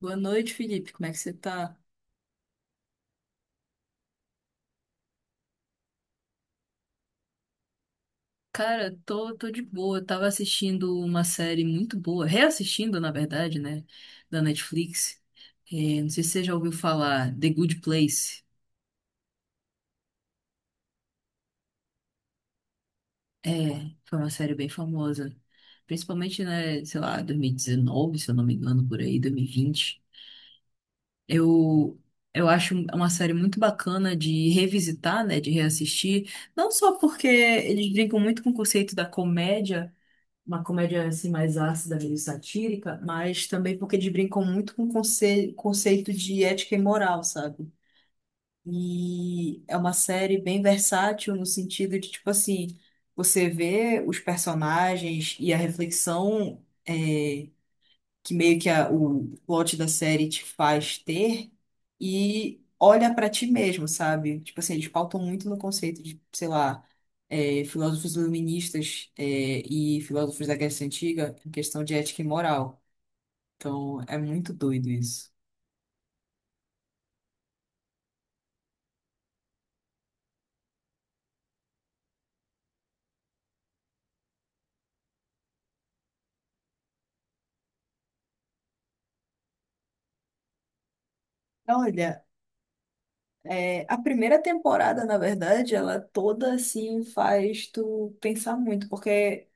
Boa noite, Felipe. Como é que você tá? Cara, tô de boa. Eu tava assistindo uma série muito boa, reassistindo, na verdade, né, da Netflix. É, não sei se você já ouviu falar, The Good Place. É, foi uma série bem famosa. Principalmente, né, sei lá, 2019, se eu não me engano, por aí, 2020. Eu, eu acho uma série muito bacana de revisitar, né, de reassistir. Não só porque eles brincam muito com o conceito da comédia, uma comédia assim mais ácida, meio satírica, mas também porque eles brincam muito com conceito de ética e moral, sabe? E é uma série bem versátil no sentido de, tipo assim, você vê os personagens e a reflexão. Que meio que o plot da série te faz ter e olha pra ti mesmo, sabe? Tipo assim, eles pautam muito no conceito de, sei lá, é, filósofos iluministas é, e filósofos da Grécia Antiga em questão de ética e moral. Então, é muito doido isso. Olha, é, a primeira temporada, na verdade, ela toda assim faz tu pensar muito, porque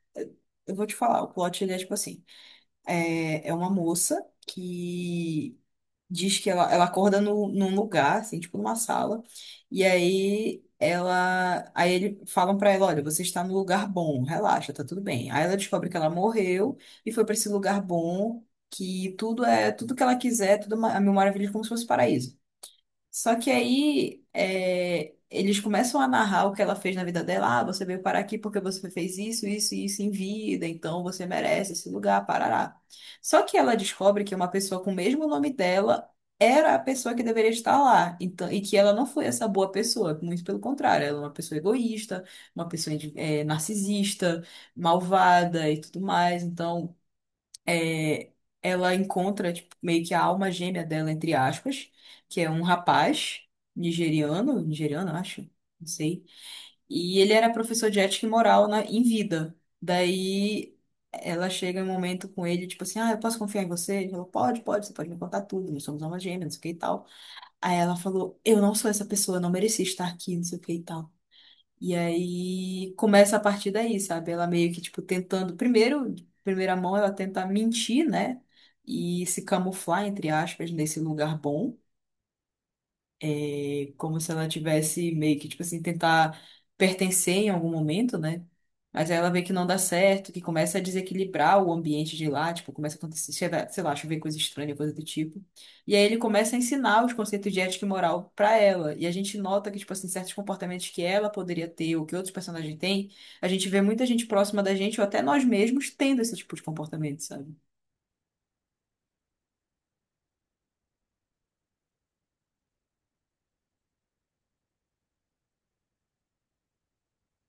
eu vou te falar, o plot ele é tipo assim, é, é uma moça que diz que ela acorda no, num lugar, assim, tipo numa sala, e aí ela, aí ele falam pra ela, olha, você está no lugar bom, relaxa, tá tudo bem. Aí ela descobre que ela morreu e foi pra esse lugar bom, que tudo é, tudo que ela quiser, tudo a mil maravilhas como se fosse paraíso. Só que aí é, eles começam a narrar o que ela fez na vida dela. Ah, você veio parar aqui porque você fez isso, isso e isso em vida, então você merece esse lugar, parará. Só que ela descobre que uma pessoa com o mesmo nome dela era a pessoa que deveria estar lá. Então, e que ela não foi essa boa pessoa, muito pelo contrário, ela é uma pessoa egoísta, uma pessoa narcisista, malvada e tudo mais. Então é, ela encontra tipo, meio que a alma gêmea dela, entre aspas, que é um rapaz nigeriano, nigeriano, acho, não sei. E ele era professor de ética e moral na, em vida. Daí ela chega em um momento com ele, tipo assim, ah, eu posso confiar em você? Ele falou, pode, pode, você pode me contar tudo, nós somos almas gêmeas, não sei o que e tal. Aí ela falou, eu não sou essa pessoa, eu não mereci estar aqui, não sei o que e tal. E aí começa a partir daí, sabe? Ela meio que, tipo, tentando. Primeiro, de primeira mão, ela tenta mentir, né? E se camuflar, entre aspas, nesse lugar bom. E como se ela tivesse meio que, tipo assim, tentar pertencer em algum momento, né? Mas aí ela vê que não dá certo, que começa a desequilibrar o ambiente de lá, tipo, começa a acontecer, sei lá, chover coisa estranha, coisa do tipo. E aí ele começa a ensinar os conceitos de ética e moral pra ela. E a gente nota que, tipo assim, certos comportamentos que ela poderia ter ou que outros personagens têm, a gente vê muita gente próxima da gente ou até nós mesmos tendo esse tipo de comportamento, sabe?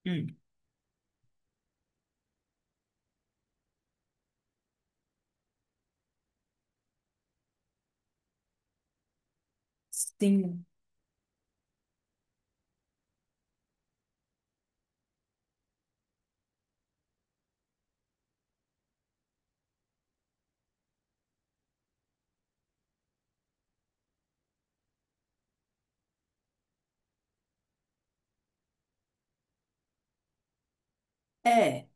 Hum. Sim. É.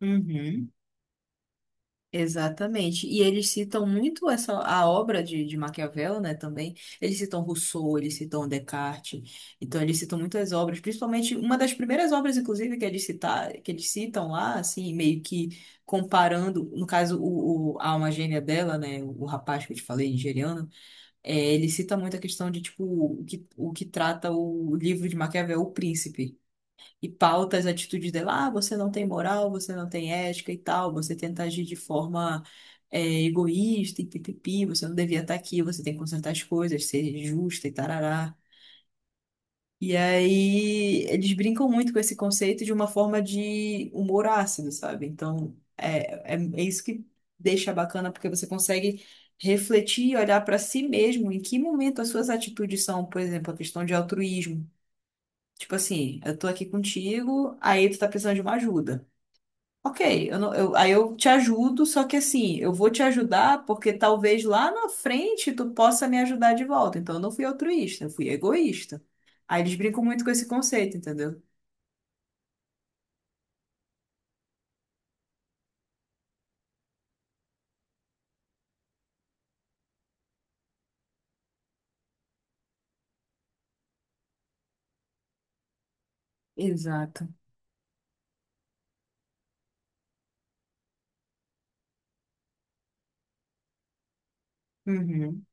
Uhum. Exatamente. E eles citam muito essa a obra de Maquiavel, né, também. Eles citam Rousseau, eles citam Descartes. Então eles citam muitas obras, principalmente uma das primeiras obras inclusive que eles citar, que eles citam lá, assim, meio que comparando, no caso o, a alma gêmea dela, né, o rapaz que eu te falei, nigeriano, é, ele cita muito a questão de tipo o que trata o livro de Maquiavel, O Príncipe e pauta as atitudes dela. Ah, você não tem moral, você não tem ética e tal, você tenta agir de forma é, egoísta e pipipi, você não devia estar aqui, você tem que consertar as coisas, ser justa e tarará. E aí eles brincam muito com esse conceito de uma forma de humor ácido, sabe? Então é isso que deixa bacana, porque você consegue refletir e olhar para si mesmo em que momento as suas atitudes são, por exemplo, a questão de altruísmo. Tipo assim, eu tô aqui contigo, aí tu tá precisando de uma ajuda. Ok, eu não- eu- aí eu te ajudo, só que assim, eu vou te ajudar porque talvez lá na frente tu possa me ajudar de volta. Então eu não fui altruísta, eu fui egoísta. Aí eles brincam muito com esse conceito, entendeu? Exato. Uhum,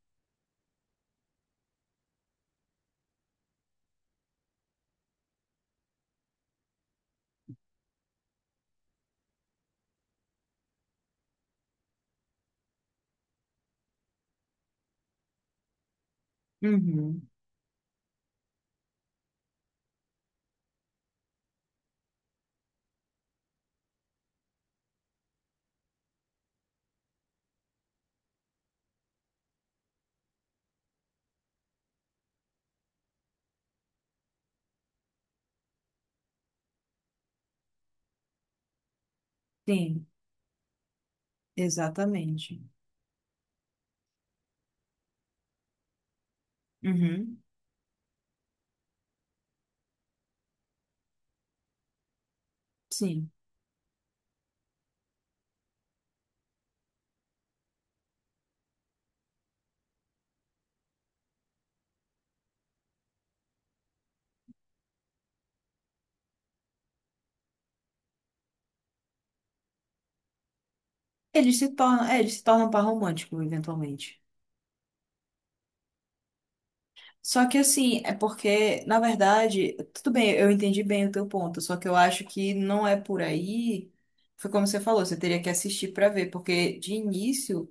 uhum, sim, exatamente. Uhum, sim. Eles se tornam, é, eles se tornam um par romântico, eventualmente. Só que assim, é porque, na verdade, tudo bem, eu entendi bem o teu ponto, só que eu acho que não é por aí. Foi como você falou, você teria que assistir para ver, porque de início,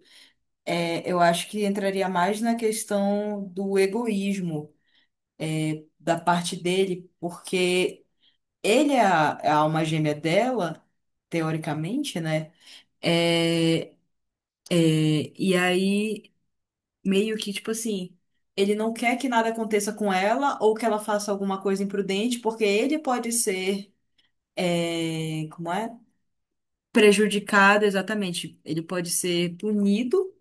é, eu acho que entraria mais na questão do egoísmo da parte dele, porque ele é a alma gêmea dela, teoricamente, né? É, e aí. Meio que, tipo assim, ele não quer que nada aconteça com ela ou que ela faça alguma coisa imprudente, porque ele pode ser, é, como é? Prejudicado, exatamente. Ele pode ser punido,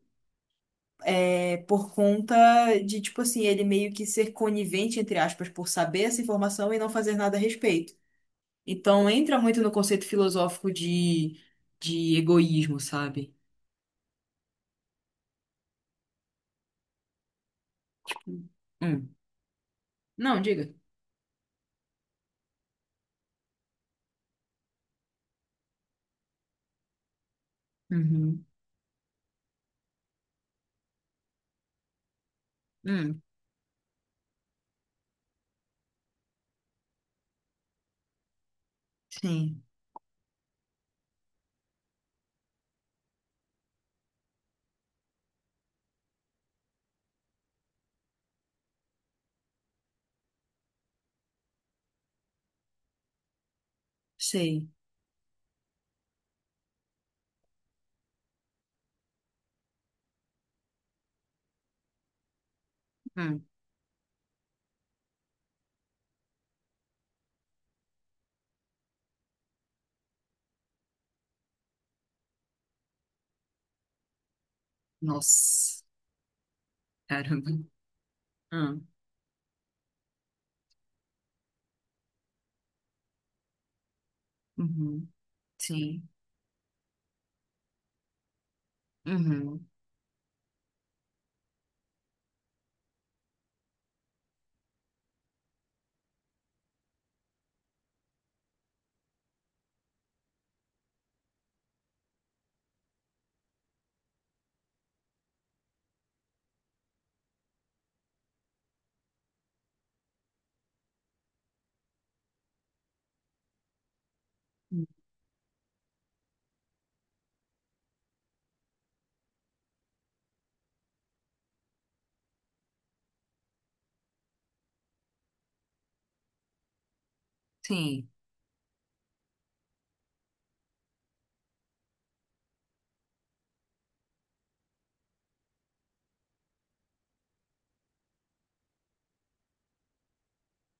é, por conta de, tipo assim, ele meio que ser conivente, entre aspas, por saber essa informação e não fazer nada a respeito. Então, entra muito no conceito filosófico de egoísmo, sabe? Hum. Não, diga. Uhum. Hum. Sim, sei. Hum. Nossa. Caramba. Ah, uhum. Sim. Uhum. Sim.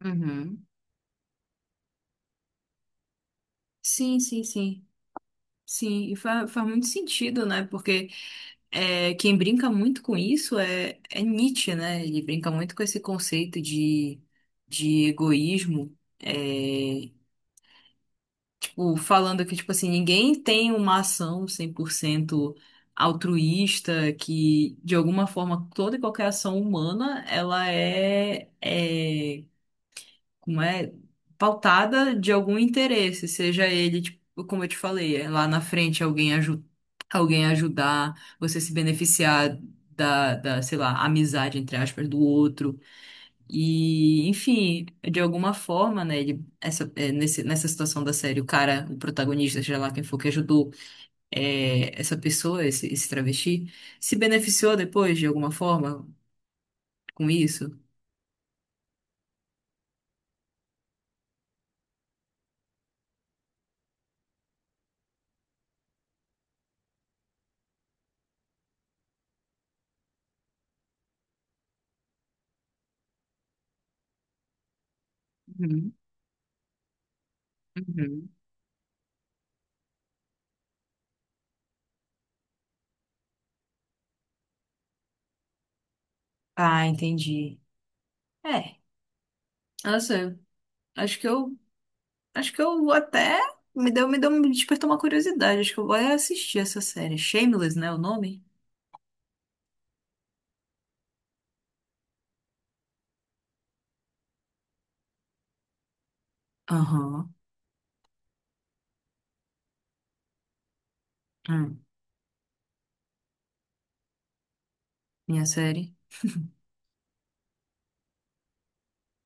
Uhum. Sim, sim, sim. Sim, e faz, faz muito sentido, né? Porque é, quem brinca muito com isso é Nietzsche, né? Ele brinca muito com esse conceito de egoísmo. É, tipo, falando que, tipo assim, ninguém tem uma ação 100% altruísta, que de alguma forma toda e qualquer ação humana, ela é como é, pautada de algum interesse, seja ele, tipo, como eu te falei, é lá na frente alguém, aju alguém ajudar, você se beneficiar da, sei lá, amizade, entre aspas, do outro. E, enfim, de alguma forma, né, ele, essa, é, nesse, nessa situação da série, o cara, o protagonista, seja lá quem for que ajudou é, essa pessoa, esse travesti, se beneficiou depois, de alguma forma, com isso? Uhum, uhum. Ah, entendi. É. Nossa, acho que eu, acho que eu até me despertou uma curiosidade. Acho que eu vou é assistir essa série. Shameless, né, o nome? Aham. Hum. Minha série.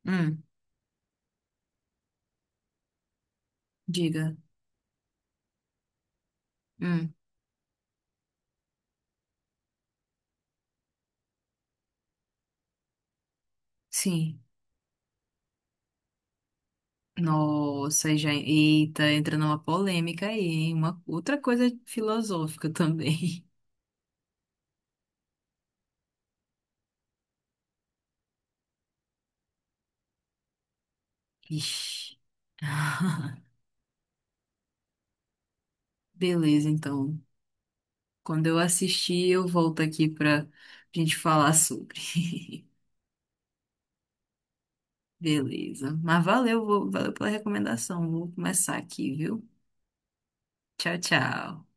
Hum. Diga. Hum. Sim. Nossa, aí já, eita, entra numa polêmica aí, hein? Uma outra coisa filosófica também. Ixi. Beleza, então. Quando eu assistir, eu volto aqui pra gente falar sobre. Beleza. Mas valeu, valeu pela recomendação. Vou começar aqui, viu? Tchau, tchau.